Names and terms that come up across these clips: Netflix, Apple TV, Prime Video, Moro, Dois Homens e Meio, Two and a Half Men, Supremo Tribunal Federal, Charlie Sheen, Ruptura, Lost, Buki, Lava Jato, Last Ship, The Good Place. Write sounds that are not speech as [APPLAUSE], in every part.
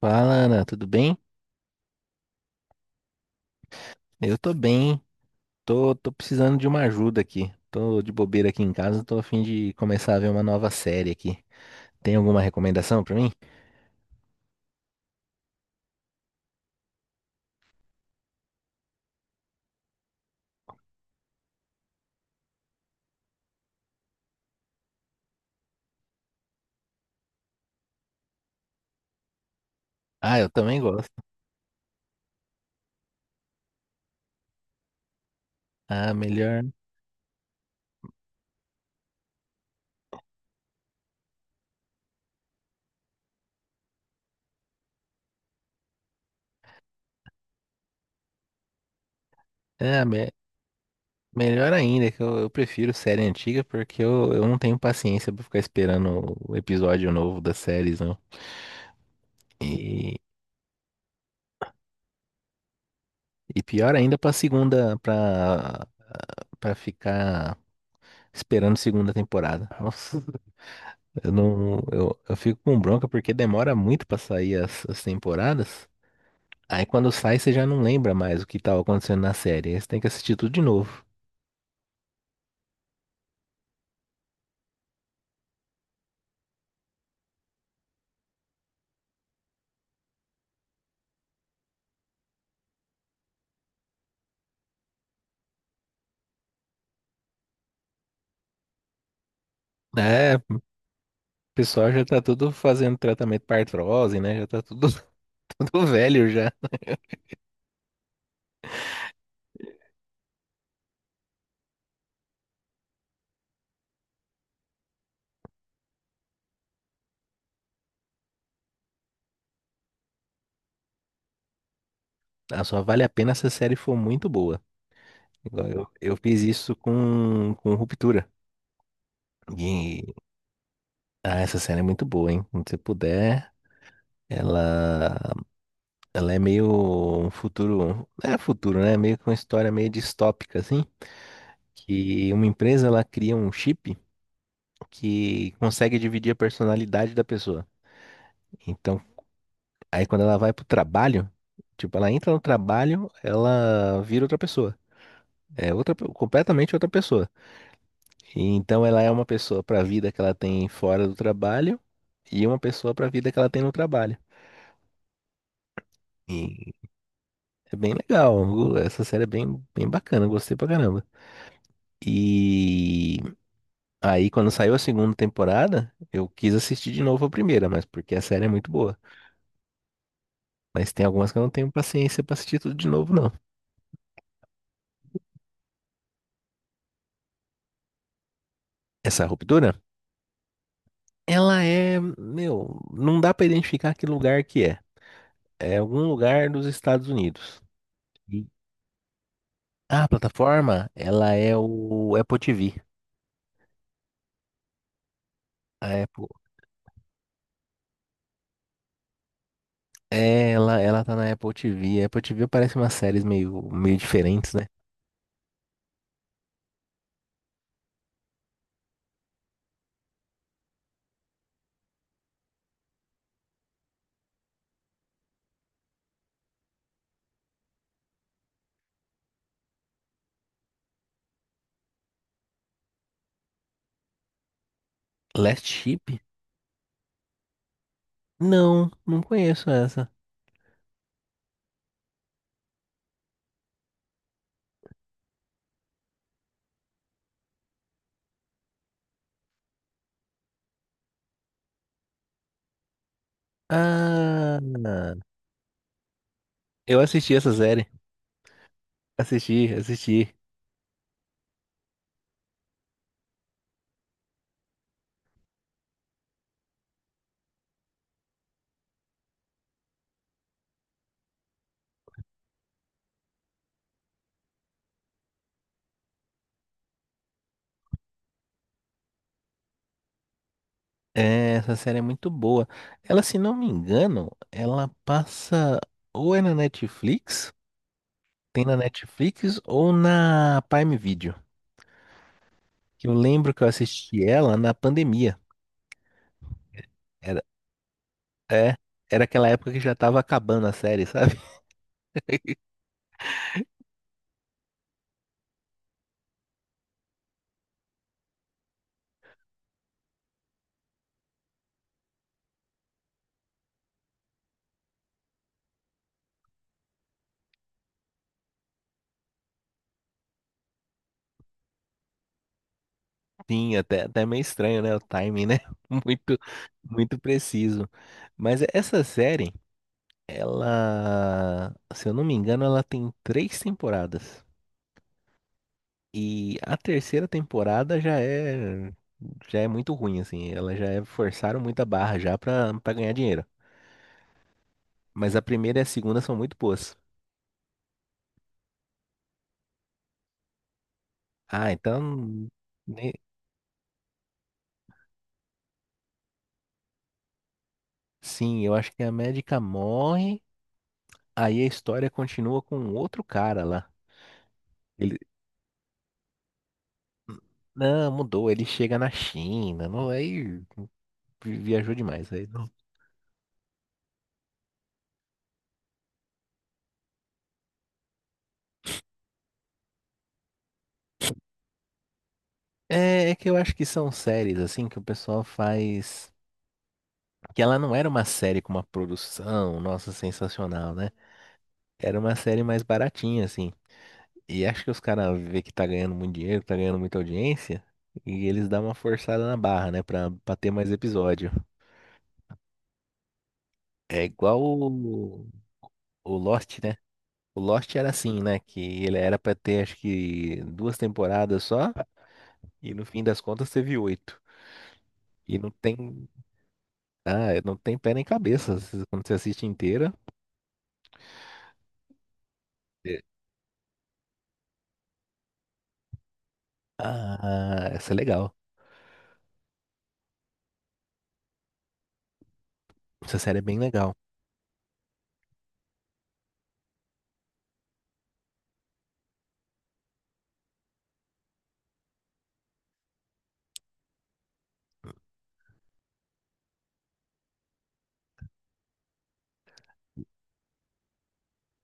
Fala, Ana, tudo bem? Eu tô bem. Tô precisando de uma ajuda aqui. Tô de bobeira aqui em casa, tô a fim de começar a ver uma nova série aqui. Tem alguma recomendação pra mim? Ah, eu também gosto. Ah, melhor. É, me- Melhor ainda, que eu prefiro série antiga porque eu não tenho paciência pra ficar esperando o episódio novo das séries, não. E, e pior ainda pra segunda, pra ficar esperando segunda temporada. Nossa. Eu não, eu fico com bronca porque demora muito pra sair as temporadas. Aí quando sai, você já não lembra mais o que tava acontecendo na série. Aí você tem que assistir tudo de novo. É, o pessoal já tá tudo fazendo tratamento pra artrose, né? Já tá tudo, [LAUGHS] tudo velho já. Ah, só vale a pena se a série for muito boa. Igual eu, fiz isso com Ruptura. E, ah, essa série é muito boa, hein? Quando você puder, ela, ela é meio um futuro. É futuro, né? Meio que uma história meio distópica, assim. Que uma empresa ela cria um chip que consegue dividir a personalidade da pessoa. Então, aí quando ela vai pro trabalho, tipo, ela entra no trabalho, ela vira outra pessoa. É outra, completamente outra pessoa. E então, ela é uma pessoa para a vida que ela tem fora do trabalho e uma pessoa para a vida que ela tem no trabalho. E é bem legal. Essa série é bem, bem bacana, eu gostei pra caramba. E aí, quando saiu a segunda temporada, eu quis assistir de novo a primeira, mas porque a série é muito boa. Mas tem algumas que eu não tenho paciência pra assistir tudo de novo, não. Essa Ruptura, meu, não dá pra identificar que lugar que é. É algum lugar dos Estados Unidos. E a plataforma, ela é o Apple TV. A Apple, é, ela tá na Apple TV. A Apple TV parece umas séries meio, meio diferentes, né? Last Ship? Não, não conheço essa. Ah, eu assisti essa série. Assisti, assisti. É, essa série é muito boa. Ela, se não me engano, ela passa ou é na Netflix, tem na Netflix ou na Prime Video. Que eu lembro que eu assisti ela na pandemia. Era, é, era aquela época que já tava acabando a série, sabe? [LAUGHS] Sim, até meio estranho, né? O timing, né? [LAUGHS] Muito, muito preciso. Mas essa série, ela, se eu não me engano, ela tem três temporadas. E a terceira temporada já é muito ruim assim, ela já é forçaram muita barra já pra para ganhar dinheiro. Mas a primeira e a segunda são muito boas. Ah, então né, sim, eu acho que a médica morre, aí a história continua com outro cara lá. Ele não mudou, ele chega na China, não aí viajou demais aí. Não. É, é que eu acho que são séries assim que o pessoal faz que ela não era uma série com uma produção, nossa, sensacional, né? Era uma série mais baratinha, assim. E acho que os caras vê que tá ganhando muito dinheiro, tá ganhando muita audiência, e eles dão uma forçada na barra, né? Pra ter mais episódio. É igual o Lost, né? O Lost era assim, né? Que ele era pra ter, acho que, duas temporadas só, e no fim das contas teve oito. E não tem. Ah, não tem pé nem cabeça. Quando você assiste inteira. É. Ah, essa é legal. Essa série é bem legal.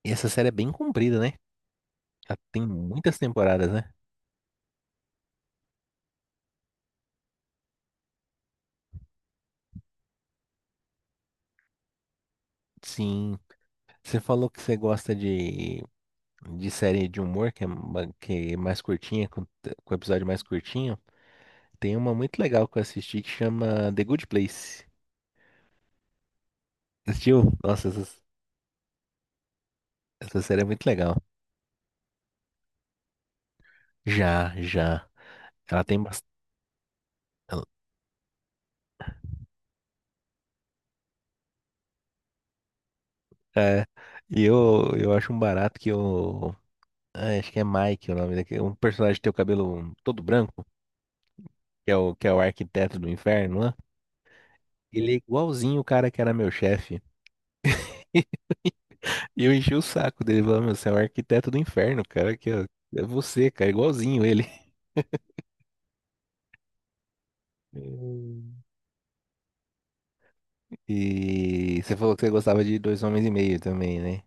E essa série é bem comprida, né? Ela tem muitas temporadas, né? Sim, você falou que você gosta de série de humor, que é, que é mais curtinha, com episódio mais curtinho. Tem uma muito legal que eu assisti que chama The Good Place. Assistiu? Nossa, essa série é muito legal. Já, já. Ela tem bastante. É, e eu acho um barato que o. Ah, acho que é Mike o nome daquele. Um personagem que tem o cabelo todo branco, que é que é o arquiteto do inferno, né? Ele é igualzinho o cara que era meu chefe. [LAUGHS] E eu enchi o saco dele, falando, meu, você é o arquiteto do inferno, cara, que ó, é você, cara, igualzinho ele. Hum. [LAUGHS] E você falou que você gostava de Dois Homens e Meio também, né?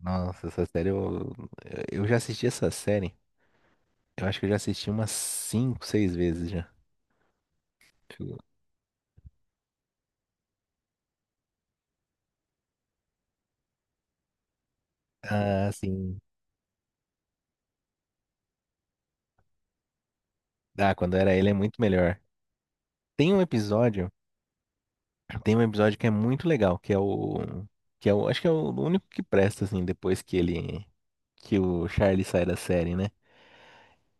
Nossa, essa série eu já assisti essa série. Eu acho que eu já assisti umas cinco, seis vezes já. Tipo, ah, sim. Ah, quando era ele é muito melhor. Tem um episódio, tem um episódio que é muito legal, que é o, acho que é o único que presta assim depois que ele que o Charlie sai da série, né?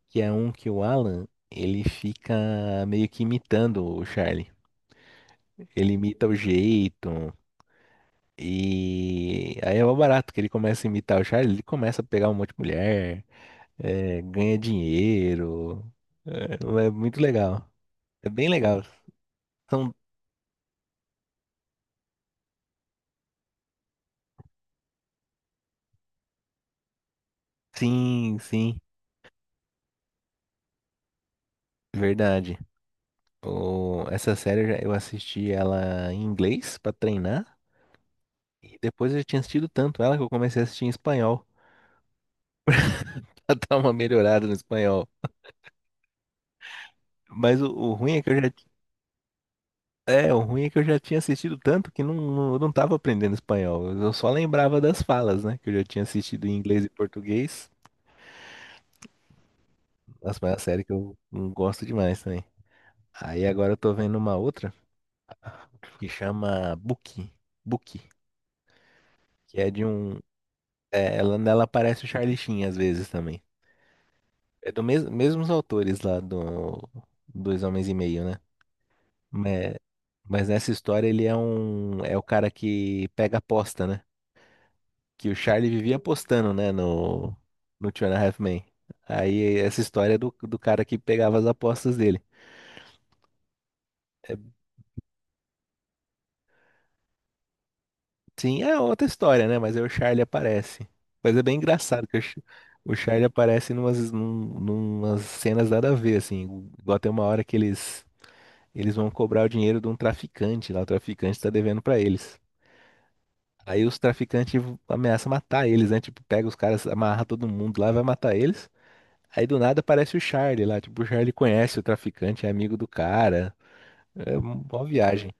Que é um que o Alan, ele fica meio que imitando o Charlie. Ele imita o jeito. E aí é o barato que ele começa a imitar o Charlie, ele começa a pegar um monte de mulher, é, ganha dinheiro. É, é muito legal. É bem legal. São, sim, sim, verdade. O, essa série eu assisti ela em inglês pra treinar. E depois eu já tinha assistido tanto ela que eu comecei a assistir em espanhol. [LAUGHS] Pra dar uma melhorada no espanhol. Mas o ruim é que eu já... É, o ruim é que eu já tinha assistido tanto que não, eu não tava aprendendo espanhol. Eu só lembrava das falas, né? Que eu já tinha assistido em inglês e português. Nossa, mas é uma série que eu não gosto demais também. Aí agora eu tô vendo uma outra que chama Buki. Buki. Que é de um. É, ela, nela aparece o Charlie Sheen às vezes também. É do mesmos autores lá do Dois Homens e Meio, né? Mas, mas nessa história ele é um. É o cara que pega aposta, né? Que o Charlie vivia apostando, né, no Two and a Half Men. Aí essa história do cara que pegava as apostas dele. É, sim, é outra história, né? Mas aí o Charlie aparece. Mas é bem engraçado que o, o Charlie aparece numas, numas cenas nada a ver, assim. Igual tem uma hora que eles vão cobrar o dinheiro de um traficante lá. O traficante tá devendo pra eles. Aí os traficantes ameaçam matar eles, né? Tipo, pega os caras, amarra todo mundo lá, vai matar eles. Aí do nada aparece o Charlie lá. Tipo, o Charlie conhece o traficante, é amigo do cara. É uma boa viagem.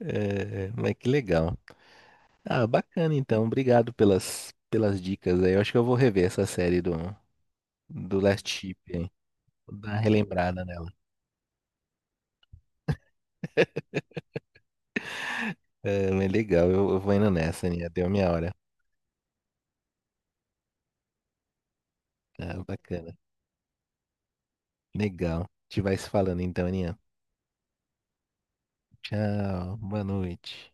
É, mas que legal. Ah, bacana então. Obrigado pelas, pelas dicas aí. Eu acho que eu vou rever essa série do Last Ship, hein? Vou dar uma relembrada nela. É, mas legal, eu vou indo nessa, Aninha. Deu minha hora. Ah, bacana. Legal. A gente vai se falando então, Aninha. Tchau, boa noite.